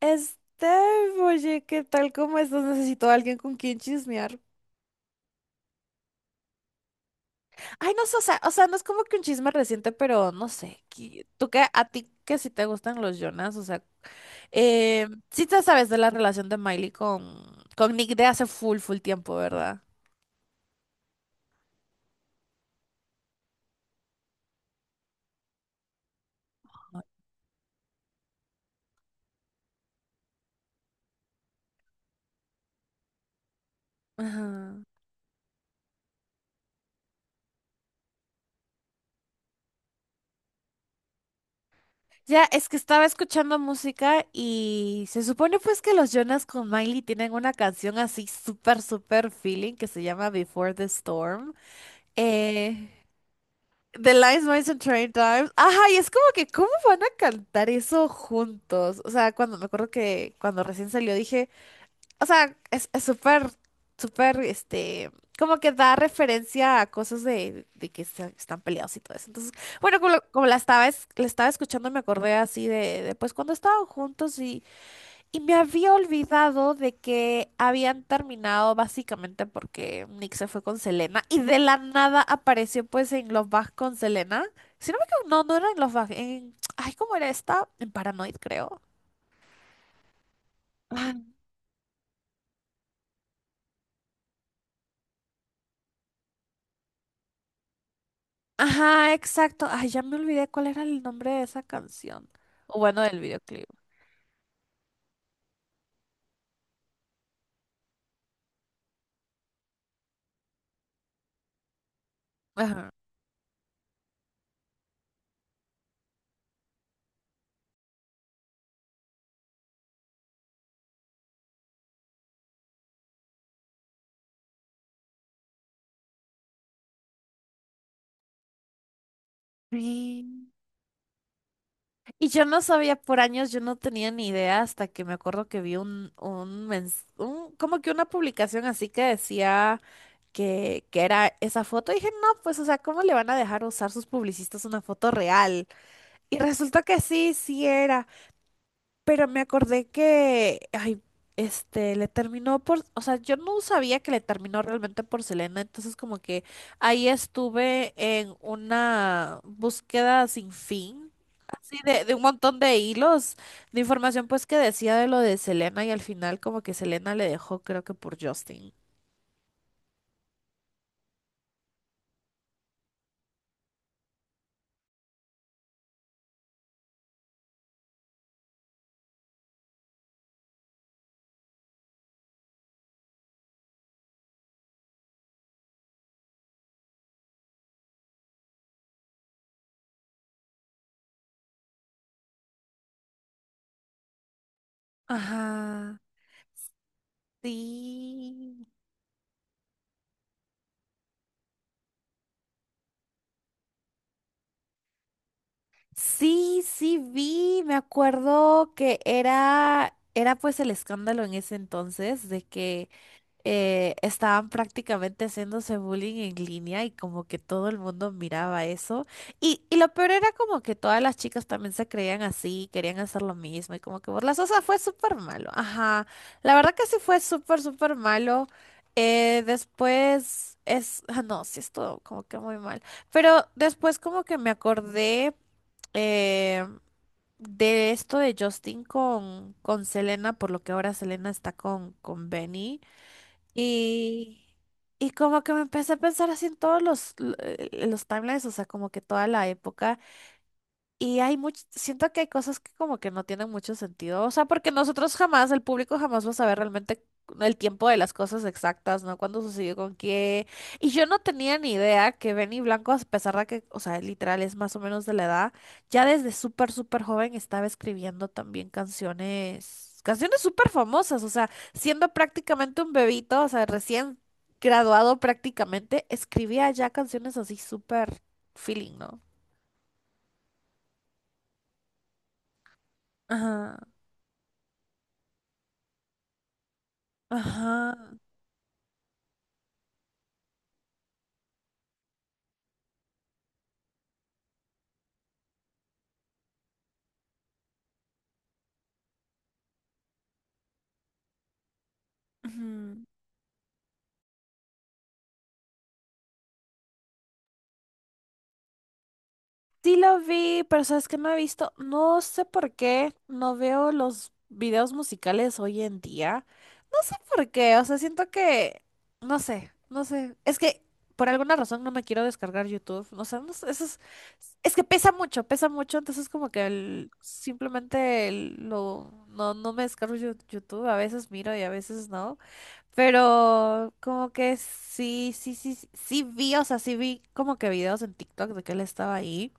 Este, oye, ¿qué tal? ¿Cómo estás? Necesito a alguien con quien chismear. Ay, no sé, o sea, no es como que un chisme reciente, pero no sé. ¿Tú qué? ¿A ti que si te gustan los Jonas? O sea, sí te sabes de la relación de Miley con Nick de hace full, full tiempo, ¿verdad? Ajá. Ya, es que estaba escuchando música y se supone pues que los Jonas con Miley tienen una canción así súper, súper feeling que se llama Before the Storm. Eh, The Lines, Mice and Train Times. Ajá, y es como que, ¿cómo van a cantar eso juntos? O sea, cuando me acuerdo que cuando recién salió dije, o sea, es súper, súper, como que da referencia a cosas de que están peleados y todo eso. Entonces, bueno, como, como la estaba, la estaba escuchando, me acordé así pues cuando estaban juntos y me había olvidado de que habían terminado básicamente porque Nick se fue con Selena y de la nada apareció pues en Love Bug con Selena. Si no me equivoco, no, no era en Love Bug, en... Ay, ¿cómo era esta? En Paranoid, creo. Ah, ajá, exacto. Ay, ya me olvidé cuál era el nombre de esa canción. O bueno, del videoclip. Ajá. Sí. Y yo no sabía por años, yo no tenía ni idea hasta que me acuerdo que vi como que una publicación así que decía que era esa foto. Y dije, no, pues, o sea, ¿cómo le van a dejar usar sus publicistas una foto real? Y resulta que sí, sí era. Pero me acordé que, ay, le terminó por, o sea, yo no sabía que le terminó realmente por Selena, entonces como que ahí estuve en una búsqueda sin fin, así de un montón de hilos de información pues que decía de lo de Selena y al final como que Selena le dejó creo que por Justin. Ajá, sí. Sí, sí vi, me acuerdo que era pues el escándalo en ese entonces de que estaban prácticamente haciéndose bullying en línea y como que todo el mundo miraba eso. Y lo peor era como que todas las chicas también se creían así, querían hacer lo mismo y como que burlas. O sea, fue súper malo. Ajá. La verdad que sí fue súper, súper malo. Después es... Ah, no, sí estuvo como que muy mal. Pero después como que me acordé eh, de esto de Justin con Selena, por lo que ahora Selena está con Benny. Y, y como que me empecé a pensar así en todos los timelines, o sea, como que toda la época. Y hay mucho, siento que hay cosas que como que no tienen mucho sentido, o sea, porque nosotros jamás, el público jamás va a saber realmente el tiempo de las cosas exactas, ¿no? Cuándo sucedió con qué. Y yo no tenía ni idea que Benny Blanco, a pesar de que, o sea, literal es más o menos de la edad, ya desde súper, súper joven estaba escribiendo también canciones, canciones súper famosas, o sea, siendo prácticamente un bebito, o sea, recién graduado prácticamente, escribía ya canciones así súper feeling, ¿no? Ajá. Ajá. Ujú. Sí lo vi, pero sabes que no he visto, no sé por qué, no veo los videos musicales hoy en día. No sé por qué, o sea, siento que, no sé, no sé. Es que por alguna razón no me quiero descargar YouTube, no sé, no sé, eso es que pesa mucho, entonces como que no, no me descargo YouTube, a veces miro y a veces no. Pero como que sí, sí, sí, sí sí vi, o sea, sí vi como que videos en TikTok de que él estaba ahí.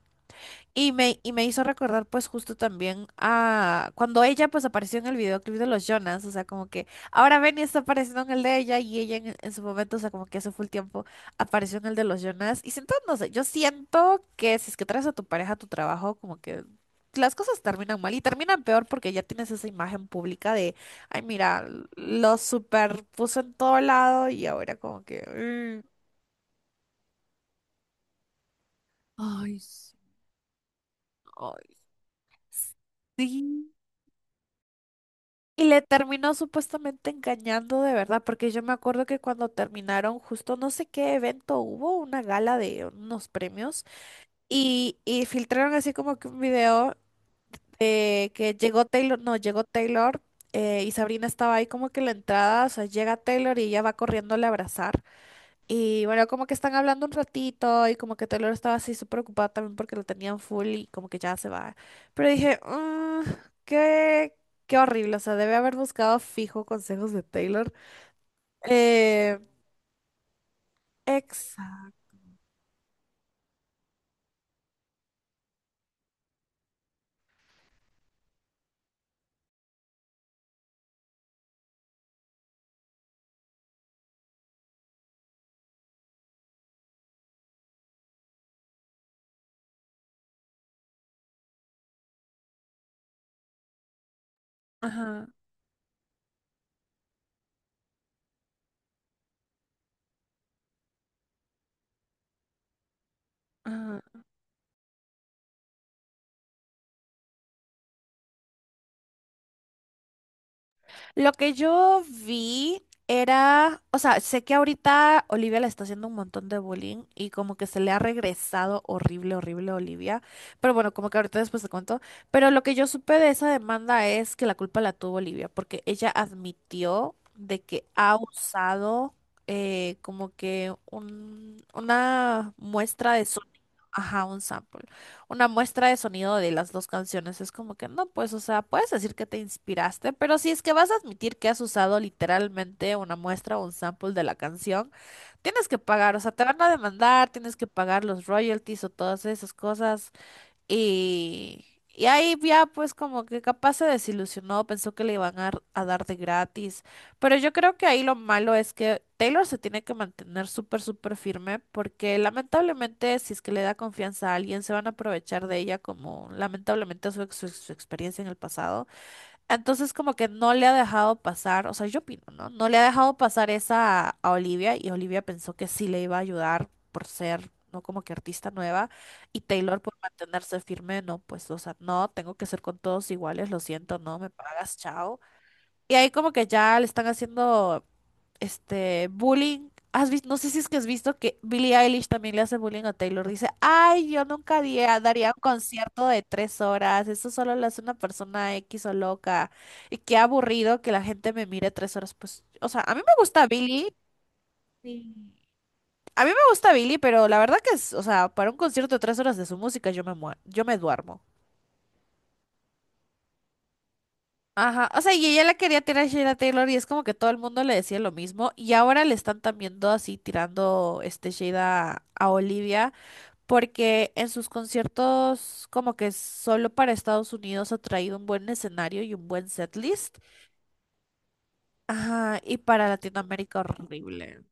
Y me hizo recordar pues justo también a cuando ella pues apareció en el videoclip de los Jonas, o sea, como que ahora Benny está apareciendo en el de ella y ella en su momento, o sea, como que hace full tiempo apareció en el de los Jonas. Y siento, no sé, yo siento que si es que traes a tu pareja a tu trabajo, como que las cosas terminan mal y terminan peor porque ya tienes esa imagen pública de, ay, mira, lo super puso en todo lado y ahora como que... Mm. Ay, sí. Ay. Sí. Y le terminó supuestamente engañando de verdad, porque yo me acuerdo que cuando terminaron justo no sé qué evento hubo, una gala de unos premios, y filtraron así como que un video de que llegó Taylor, no, llegó Taylor, y Sabrina estaba ahí como que en la entrada, o sea, llega Taylor y ella va corriendo a abrazar. Y bueno, como que están hablando un ratito y como que Taylor estaba así súper ocupada también porque lo tenían full y como que ya se va. Pero dije, "Mm, qué, qué horrible, o sea, debe haber buscado fijo consejos de Taylor. Eh, exa. Ajá, ajá. Lo que yo vi era, o sea, sé que ahorita Olivia le está haciendo un montón de bullying y como que se le ha regresado horrible, horrible a Olivia, pero bueno, como que ahorita después te cuento, pero lo que yo supe de esa demanda es que la culpa la tuvo Olivia, porque ella admitió de que ha usado como que una muestra de sonido, ajá, un sample una muestra de sonido de las dos canciones. Es como que no, pues, o sea, puedes decir que te inspiraste, pero si es que vas a admitir que has usado literalmente una muestra o un sample de la canción, tienes que pagar, o sea, te van a demandar, tienes que pagar los royalties o todas esas cosas. Y ahí ya pues como que capaz se desilusionó, pensó que le iban a dar de gratis. Pero yo creo que ahí lo malo es que Taylor se tiene que mantener súper, súper firme porque lamentablemente si es que le da confianza a alguien, se van a aprovechar de ella como lamentablemente su, ex- su su experiencia en el pasado. Entonces como que no le ha dejado pasar, o sea, yo opino, ¿no? No le ha dejado pasar esa a Olivia y Olivia pensó que sí le iba a ayudar por ser, ¿no? Como que artista nueva y Taylor por mantenerse firme, no, pues, o sea, no, tengo que ser con todos iguales, lo siento, no, me pagas, chao. Y ahí como que ya le están haciendo bullying. Has visto, no sé si es que has visto que Billie Eilish también le hace bullying a Taylor. Dice, ay, yo nunca daría un concierto de 3 horas. Eso solo lo hace una persona X o loca. Y qué aburrido que la gente me mire 3 horas. Pues, o sea, a mí me gusta Billie. Sí. A mí me gusta Billie, pero la verdad que es, o sea, para un concierto de 3 horas de su música yo me duermo. Ajá, o sea, y ella la quería tirar a Sheila Taylor y es como que todo el mundo le decía lo mismo y ahora le están también todo así tirando este Sheila a Olivia porque en sus conciertos como que solo para Estados Unidos ha traído un buen escenario y un buen setlist. Ajá, y para Latinoamérica horrible.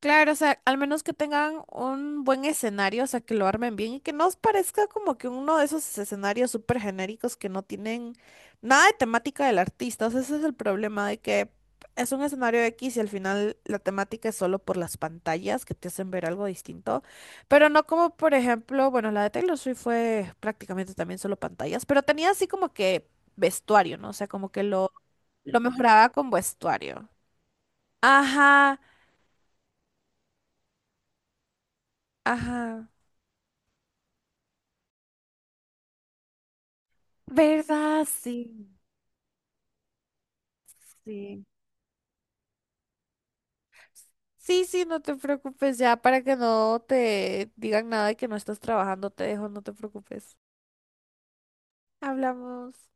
Claro, o sea, al menos que tengan un buen escenario, o sea, que lo armen bien y que no os parezca como que uno de esos escenarios súper genéricos que no tienen nada de temática del artista. O sea, ese es el problema de que es un escenario X y al final la temática es solo por las pantallas que te hacen ver algo distinto, pero no como, por ejemplo, bueno, la de Taylor Swift fue prácticamente también solo pantallas, pero tenía así como que vestuario, ¿no? O sea, como que lo mejoraba con vestuario. Ajá, ajá. ¿Verdad? Sí, sí. Sí, sí, no te preocupes ya para que no te digan nada de que no estás trabajando, te dejo, no te preocupes. Hablamos.